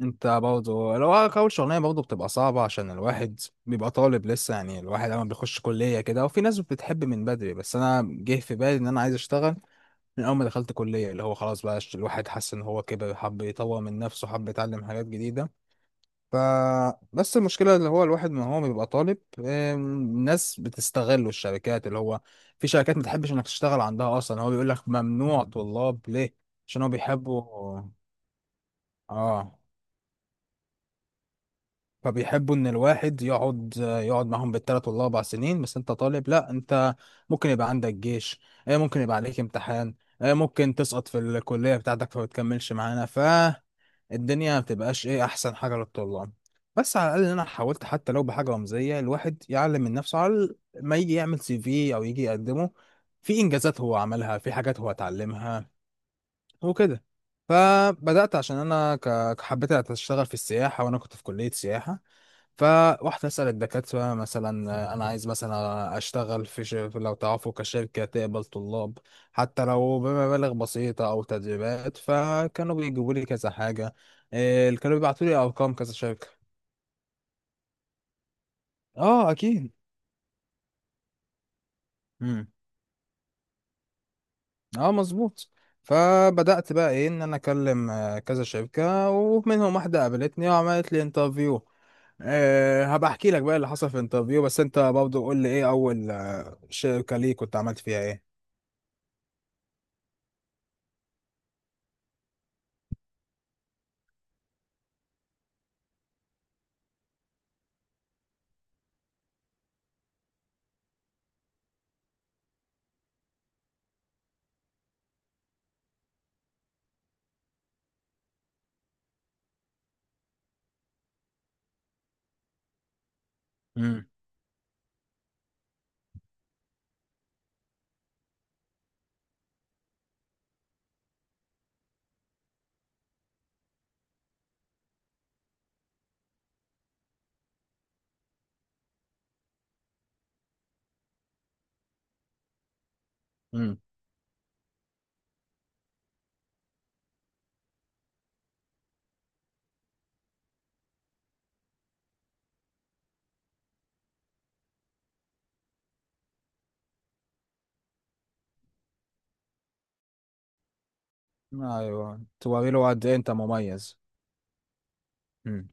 انت برضه لو اول شغلانه برضه بتبقى صعبه عشان الواحد بيبقى طالب لسه. يعني الواحد اول ما بيخش كليه كده وفي ناس بتحب من بدري، بس انا جه في بالي ان انا عايز اشتغل من اول ما دخلت كليه، اللي هو خلاص بقى الواحد حس ان هو كبر، حب يطور من نفسه، حب يتعلم حاجات جديده. ف بس المشكله اللي هو الواحد ما هو بيبقى طالب، الناس بتستغله، الشركات اللي هو في شركات ما تحبش انك تشتغل عندها اصلا، هو بيقول لك ممنوع طلاب. ليه؟ عشان هو بيحبوا. اه. فبيحبوا ان الواحد يقعد معاهم بالثلاث ولا اربع سنين. بس انت طالب، لا، انت ممكن يبقى عندك جيش، ممكن يبقى عليك امتحان، ممكن تسقط في الكلية بتاعتك فما تكملش معانا، فالدنيا ما بتبقاش ايه احسن حاجة للطلاب. بس على الاقل انا حاولت، حتى لو بحاجة رمزية الواحد يعلم من نفسه على ما يجي يعمل سي في او يجي يقدمه، في انجازات هو عملها، في حاجات هو اتعلمها وكده. فبدأت عشان انا حبيت اشتغل في السياحة وانا كنت في كلية سياحة. فروحت أسأل الدكاترة مثلا، أنا عايز مثلا أشتغل في لو تعرفوا كشركة تقبل طلاب حتى لو بمبالغ بسيطة أو تدريبات. فكانوا بيجيبوا لي كذا حاجة، إيه، كانوا بيبعتوا لي أرقام كذا شركة. أه أكيد. مم. أه مظبوط. فبدأت بقى إيه، إن أنا أكلم كذا شركة، ومنهم واحدة قابلتني وعملت لي انترفيو. أه، هبقى أحكي لك بقى اللي حصل في الانترفيو، بس أنت برضه قول لي إيه أول شركة ليك كنت عملت فيها إيه؟ مم. ايوه، توريله قد ايه انت مميز. مم.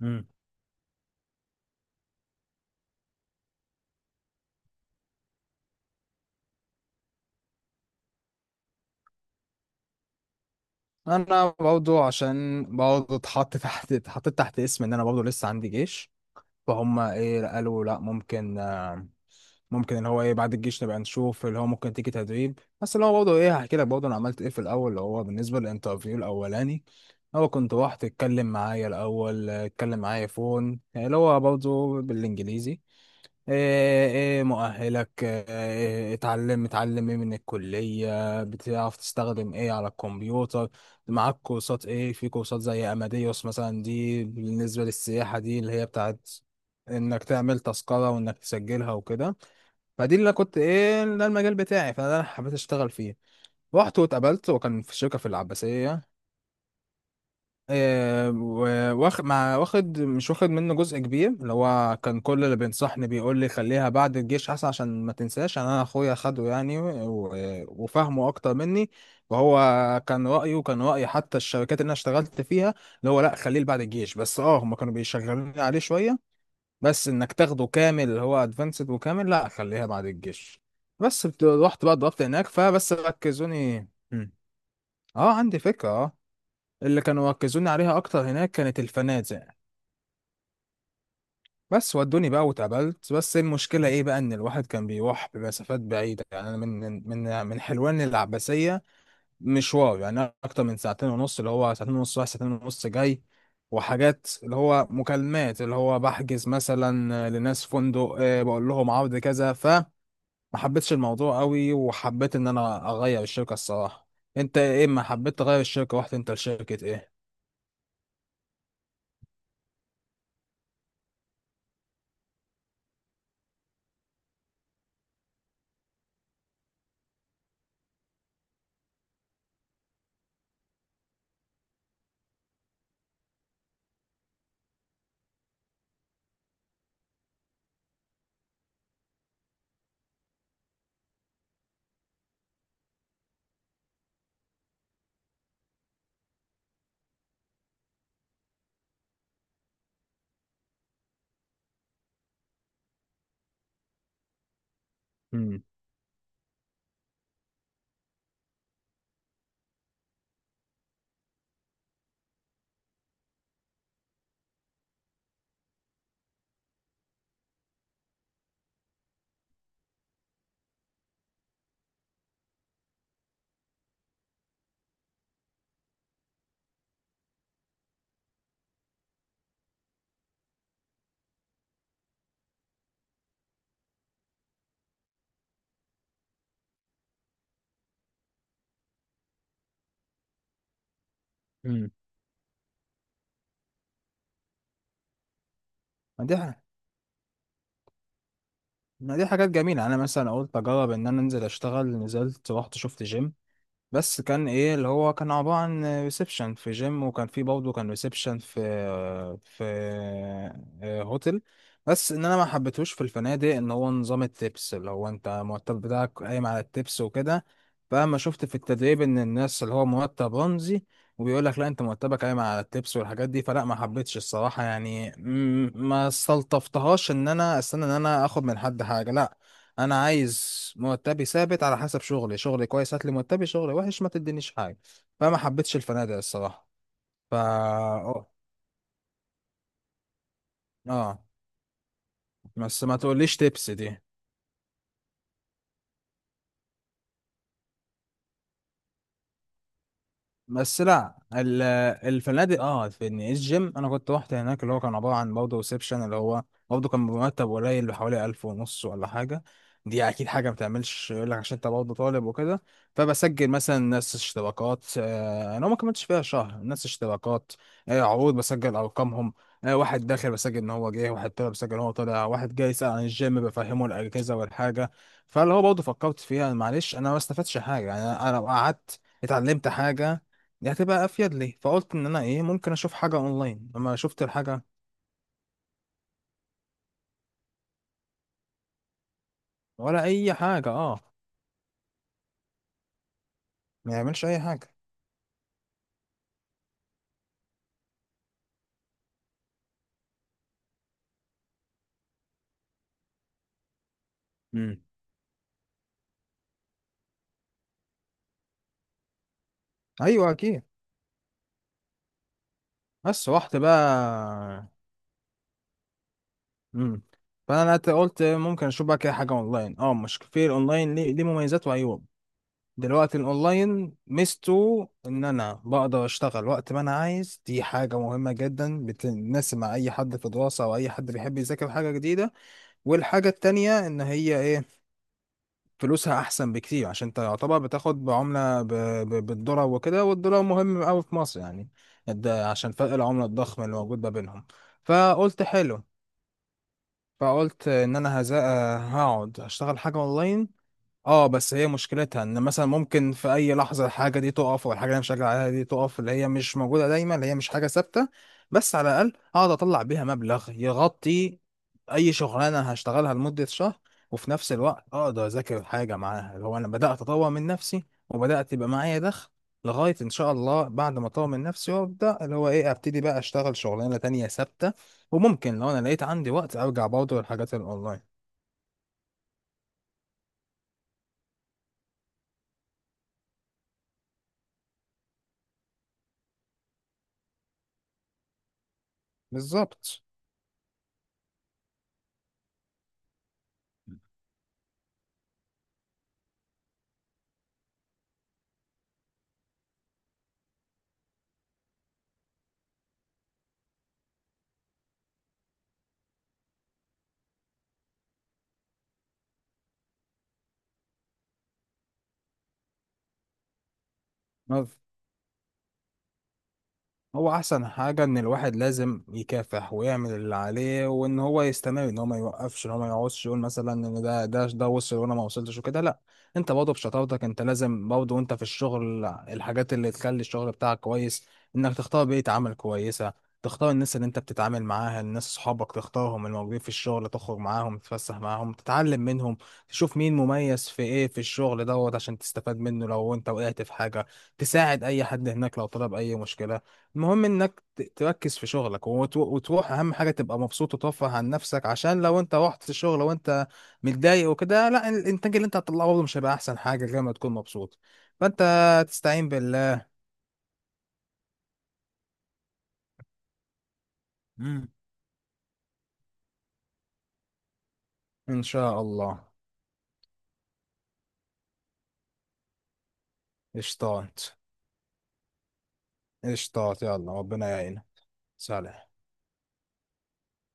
مم. انا برضو عشان برضو اتحط تحت، اتحطيت تحت اسم ان انا برضو لسه عندي جيش. فهم ايه قالوا لا ممكن، ممكن ان هو ايه بعد الجيش نبقى نشوف اللي هو ممكن تيجي تدريب. بس اللي هو برضو ايه، هحكي لك برضو انا عملت ايه في الاول اللي هو بالنسبه للانترفيو الاولاني. هو كنت رحت اتكلم معايا، الاول اتكلم معايا فون يعني، اللي هو برضو بالانجليزي. ايه، إيه مؤهلك، إيه اتعلم، متعلم ايه من الكلية، بتعرف تستخدم ايه على الكمبيوتر، معاك كورسات ايه، في كورسات زي اماديوس مثلا، دي بالنسبة للسياحة، دي اللي هي بتاعت انك تعمل تذكرة وانك تسجلها وكده. فدي اللي أنا كنت ايه، ده المجال بتاعي، فده اللي أنا حبيت اشتغل فيه. رحت واتقابلت وكان في شركة في العباسية. مع واخد مش واخد منه جزء كبير، اللي هو كان كل اللي بينصحني بيقول لي خليها بعد الجيش احسن عشان ما تنساش، عشان انا اخويا خده يعني وفهمه اكتر مني. وهو كان رايه، كان راي حتى الشركات اللي انا اشتغلت فيها اللي هو لا خليه بعد الجيش. بس اه هم كانوا بيشغلوني عليه شويه، بس انك تاخده كامل اللي هو ادفانسد وكامل، لا خليها بعد الجيش. رحت بقى ضربت هناك فبس ركزوني. مم. اه عندي فكره. آه. اللي كانوا ركزوني عليها اكتر هناك كانت الفنادق. بس ودوني بقى واتقابلت، بس المشكله ايه بقى، ان الواحد كان بيروح بمسافات بعيده، يعني انا من من حلوان للعباسيه، مشوار يعني اكتر من ساعتين ونص، اللي هو ساعتين ونص رايح ساعتين ونص جاي. وحاجات اللي هو مكالمات اللي هو بحجز مثلا لناس فندق، بقول لهم عرض كذا. فما حبيتش الموضوع قوي وحبيت ان انا اغير الشركه الصراحه. انت ايه، ما حبيت تغير الشركه، رحت انت لشركه ايه؟ امم. مم. دي، ما دي حاجات جميلة يعني. أنا مثلا قلت أجرب إن أنا أنزل أشتغل، نزلت رحت شفت جيم، بس كان ايه اللي هو كان عبارة عن ريسبشن في جيم. وكان في برضه كان ريسبشن في في هوتل. بس ان انا ما حبيتهوش في الفنادق ان هو نظام التبس، اللي هو انت المرتب بتاعك قايم على التبس وكده. فاما شفت في التدريب ان الناس اللي هو مرتب رمزي، وبيقول لك لا انت مرتبك قايم على التبس والحاجات دي، فلا، ما حبيتش الصراحة يعني، ما استلطفتهاش ان انا استنى ان انا اخد من حد حاجة. لا، انا عايز مرتبي ثابت على حسب شغلي. شغلي كويس، هات لي مرتبي. شغلي وحش، ما تدينيش حاجه. فما حبيتش الفنادق الصراحه. فا اه. آه. بس ما تقوليش تبس دي. بس لا، الفنادق اه. في إن الجيم انا كنت رحت هناك اللي هو كان عباره عن برضه ريسبشن، اللي هو برضه كان بمرتب قليل، بحوالي 1500 ولا حاجه، دي اكيد حاجه ما بتعملش، يقول لك عشان انت برضه طالب وكده. فبسجل مثلا ناس اشتراكات، انا ما كملتش فيها شهر، ناس اشتراكات، عروض بسجل ارقامهم، واحد داخل بسجل ان هو جه، واحد طلع بسجل ان هو طلع، واحد جاي يسال عن الجيم بفهمه الاجهزه والحاجه. فاللي هو برضه فكرت فيها معلش، انا ما استفدتش حاجه يعني، انا لو قعدت اتعلمت حاجه دي هتبقى افيد لي. فقلت ان انا ايه، ممكن اشوف حاجه اونلاين. لما شفت الحاجه، ولا اي حاجه اه، ما يعملش اي حاجه. امم. ايوه اكيد. بس رحت بقى. امم. فانا قلت ممكن اشوف بقى كده حاجه اونلاين. اه مش في الاونلاين، ليه ليه مميزات وعيوب. دلوقتي الاونلاين ميزته ان انا بقدر اشتغل وقت ما انا عايز، دي حاجه مهمه جدا بتناسب مع اي حد في دراسه او اي حد بيحب يذاكر حاجه جديده. والحاجه التانية ان هي ايه، فلوسها احسن بكتير، عشان انت يعتبر بتاخد بعمله بالدولار وكده، والدولار مهم قوي في مصر يعني، ده عشان فرق العمله الضخم اللي موجود ما بينهم. فقلت حلو، فقلت ان انا هقعد اشتغل حاجه اونلاين. اه بس هي مشكلتها ان مثلا ممكن في اي لحظه الحاجه دي تقف، والحاجه اللي انا شغال عليها دي تقف، اللي هي مش موجوده دايما، اللي هي مش حاجه ثابته. بس على الاقل اقعد اطلع بيها مبلغ يغطي اي شغلانه هشتغلها لمده شهر، وفي نفس الوقت اقدر اذاكر حاجه معاها، اللي هو انا بدات اطور من نفسي وبدات يبقى معايا دخل، لغايه ان شاء الله بعد ما اطور من نفسي وابدا اللي هو ايه، ابتدي بقى اشتغل شغلانه تانية ثابته. وممكن لو انا لقيت عندي وقت ارجع برضه للحاجات الاونلاين. بالظبط. هو احسن حاجة ان الواحد لازم يكافح ويعمل اللي عليه، وان هو يستمر، ان هو ما يوقفش، ان هو ما يقعدش يقول مثلا ان ده ده وصل وانا ما وصلتش وكده، لا. انت برضه بشطارتك، انت لازم برضه وانت في الشغل الحاجات اللي تخلي الشغل بتاعك كويس، انك تختار بيئة عمل كويسة، تختار الناس اللي انت بتتعامل معاها، الناس صحابك تختارهم الموجودين في الشغل، تخرج معاهم تتفسح معاهم تتعلم منهم، تشوف مين مميز في ايه في الشغل دوت عشان تستفاد منه لو انت وقعت في حاجة، تساعد اي حد هناك لو طلب، اي مشكلة المهم انك تركز في شغلك، وتروح. اهم حاجه تبقى مبسوط وترفه عن نفسك، عشان لو انت رحت الشغل وانت متضايق وكده، لا، الانتاج اللي انت هتطلعه برضه مش هيبقى احسن حاجه غير ما تكون مبسوط. فانت تستعين بالله. مم. ان شاء الله. اشطات. اشطات يلا ربنا يعينك. سلام.